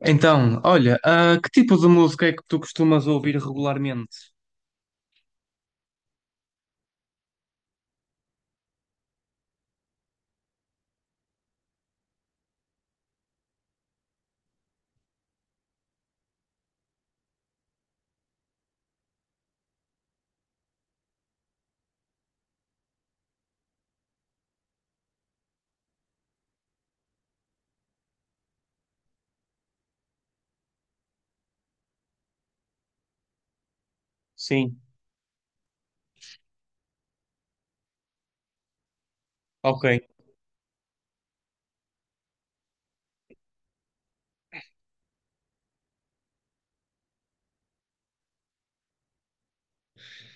Então, olha, que tipo de música é que tu costumas ouvir regularmente? Sim, ok.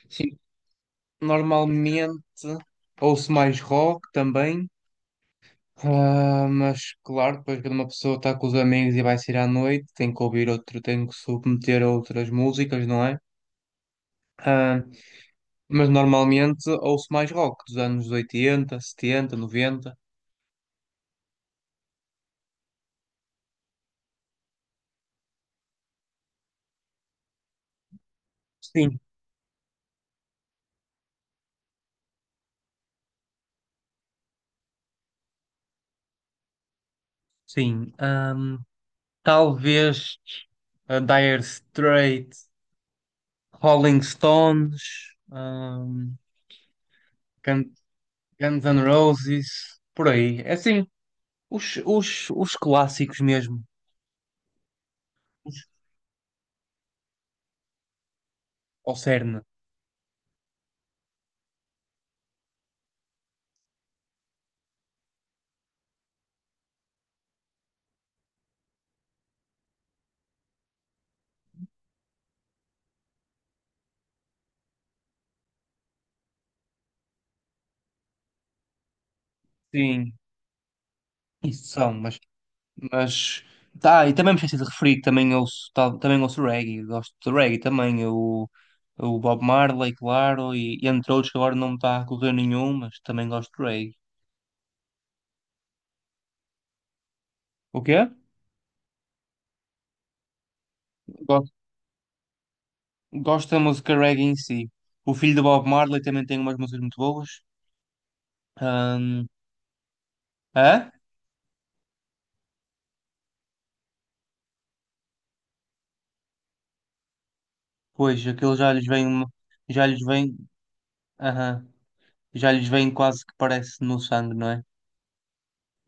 Sim, normalmente ouço mais rock também, mas claro, depois quando uma pessoa está com os amigos e vai sair à noite, tem que ouvir outro, tem que submeter a outras músicas, não é? Ah, mas normalmente ouço mais rock dos anos oitenta, setenta, noventa. Sim, sim. Talvez a Dire Straits. Rolling Stones, Gun- Guns N' Roses, por aí. É assim, os clássicos mesmo, os, ao cerne. Sim, isso são, mas tá, e também me esqueci de referir, que também ouço, também ouço reggae, gosto de reggae também, o Bob Marley, claro, e entre outros que agora não me está a correr nenhum, mas também gosto de reggae. O quê? Gosto, gosto da música reggae em si. O filho do Bob Marley também tem umas músicas muito boas. Ahm, hã? Pois, aquilo já lhes vem, já lhes vem, aham, já lhes vem quase que parece no sangue, não é?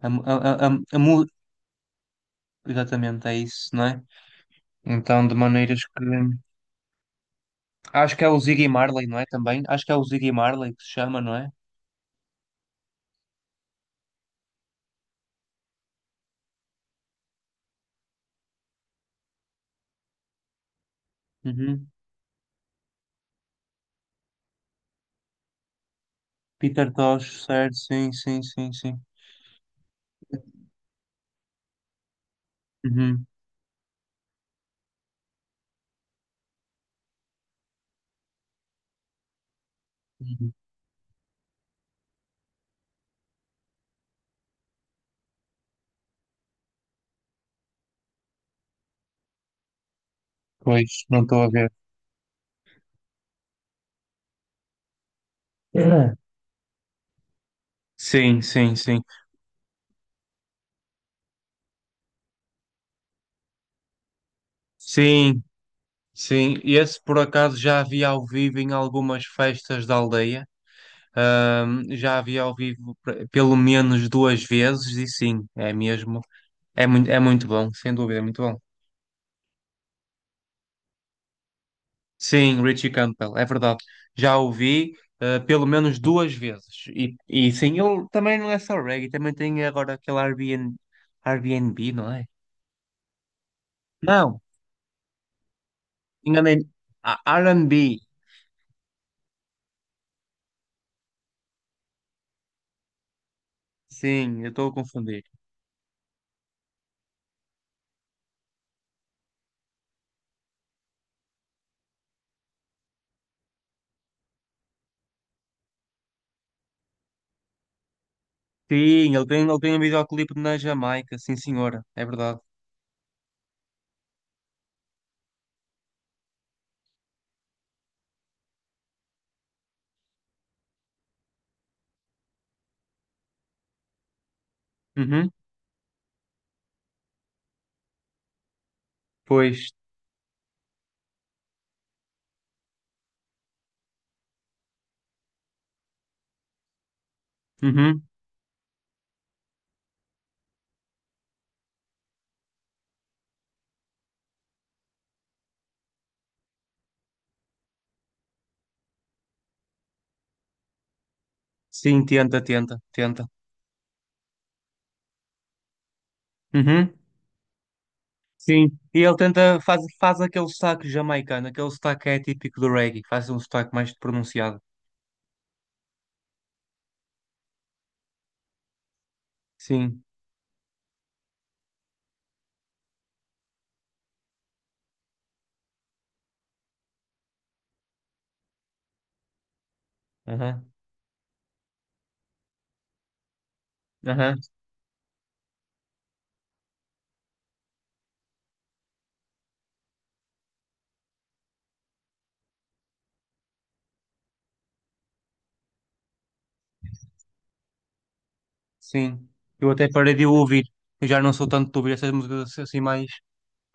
A mu- Exatamente, é isso, não é? Então, de maneiras que. Acho que é o Ziggy Marley, não é? Também. Acho que é o Ziggy Marley que se chama, não é? Uhum. Peter Tosh, certo, sim, sim, sim, sim. Uhum. Uhum. Pois, não estou a ver. É. Sim, sim, sim. Sim, sim. Esse por acaso já havia ao vivo em algumas festas da aldeia. Já a vi ao vivo pelo menos duas vezes e sim, é mesmo. É muito bom, sem dúvida, é muito bom. Sim, Richie Campbell, é verdade. Já o vi pelo menos duas vezes. E sim, ele também não é só reggae, também tem agora aquele Airbnb, Airbnb, não é? Não, enganei. Ah, R&B, sim, eu estou a confundir. Sim, ele tem um videoclipe na Jamaica, sim senhora, é verdade. Uhum, pois, uhum, sim, tenta, tenta, tenta. Uhum, sim. E ele tenta, faz, faz aquele sotaque jamaicano, aquele sotaque que é típico do reggae, faz um sotaque mais pronunciado. Sim. Aham. Aham. Sim. Eu até parei de ouvir. Eu já não sou tanto de ouvir essas músicas assim mais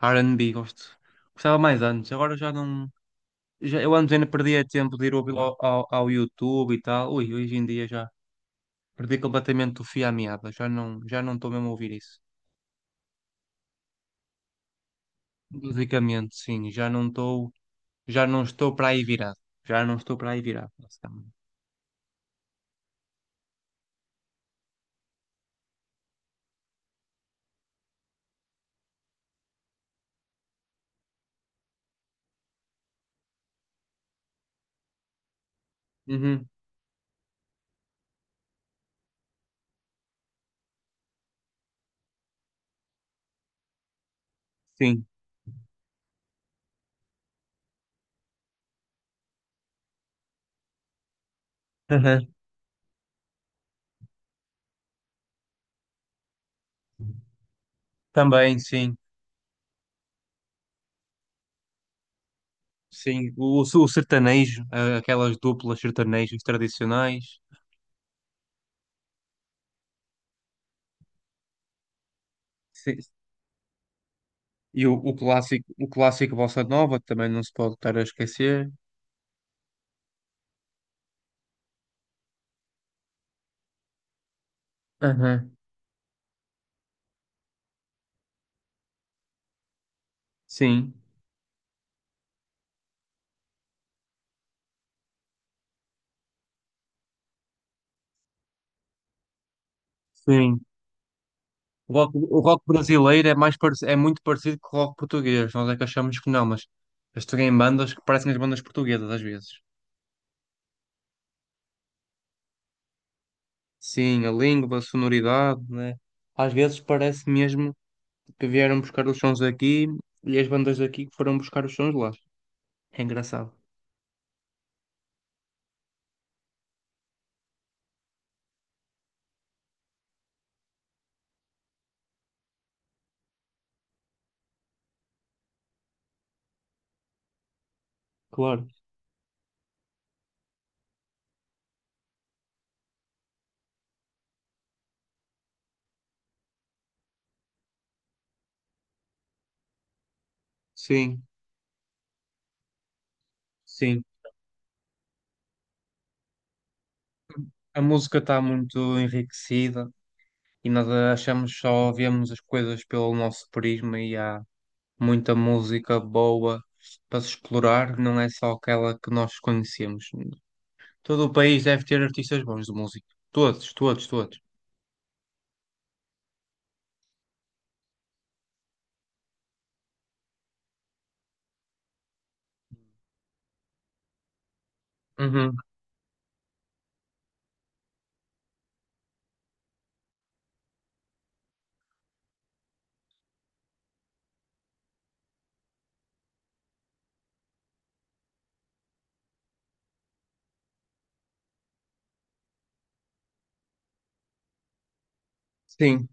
R&B, gosto. Gostava mais antes, agora já não. Já, eu antes ainda perdia tempo de ir ouvir ao YouTube e tal. Ui, hoje em dia já perdi completamente o fio à meada. Já não estou mesmo a ouvir isso. Musicamente, sim, já não estou. Já não estou para aí virado. Já não estou para aí virado, basicamente. Uhum. Sim. Uhum. Também, sim. Sim. O sertanejo, aquelas duplas sertanejos tradicionais. Sim. E o clássico Bossa Nova também não se pode estar a esquecer. Uhum. Sim. Sim. O rock brasileiro é mais é muito parecido com o rock português. Nós é que achamos que não, mas eles têm bandas que parecem as bandas portuguesas às vezes. Sim, a língua, a sonoridade, né? Às vezes parece mesmo que vieram buscar os sons aqui e as bandas daqui que foram buscar os sons lá. É engraçado. Claro. Sim, sim. A música está muito enriquecida e nós achamos só vemos as coisas pelo nosso prisma e há muita música boa para se explorar, não é só aquela que nós conhecemos. Todo o país deve ter artistas bons de música. Todos, todos, todos. Uhum. Sim,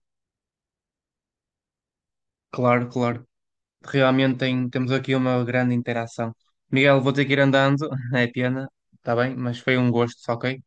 claro, claro. Realmente temos aqui uma grande interação. Miguel, vou ter que ir andando, é pena, está bem, mas foi um gosto, ok?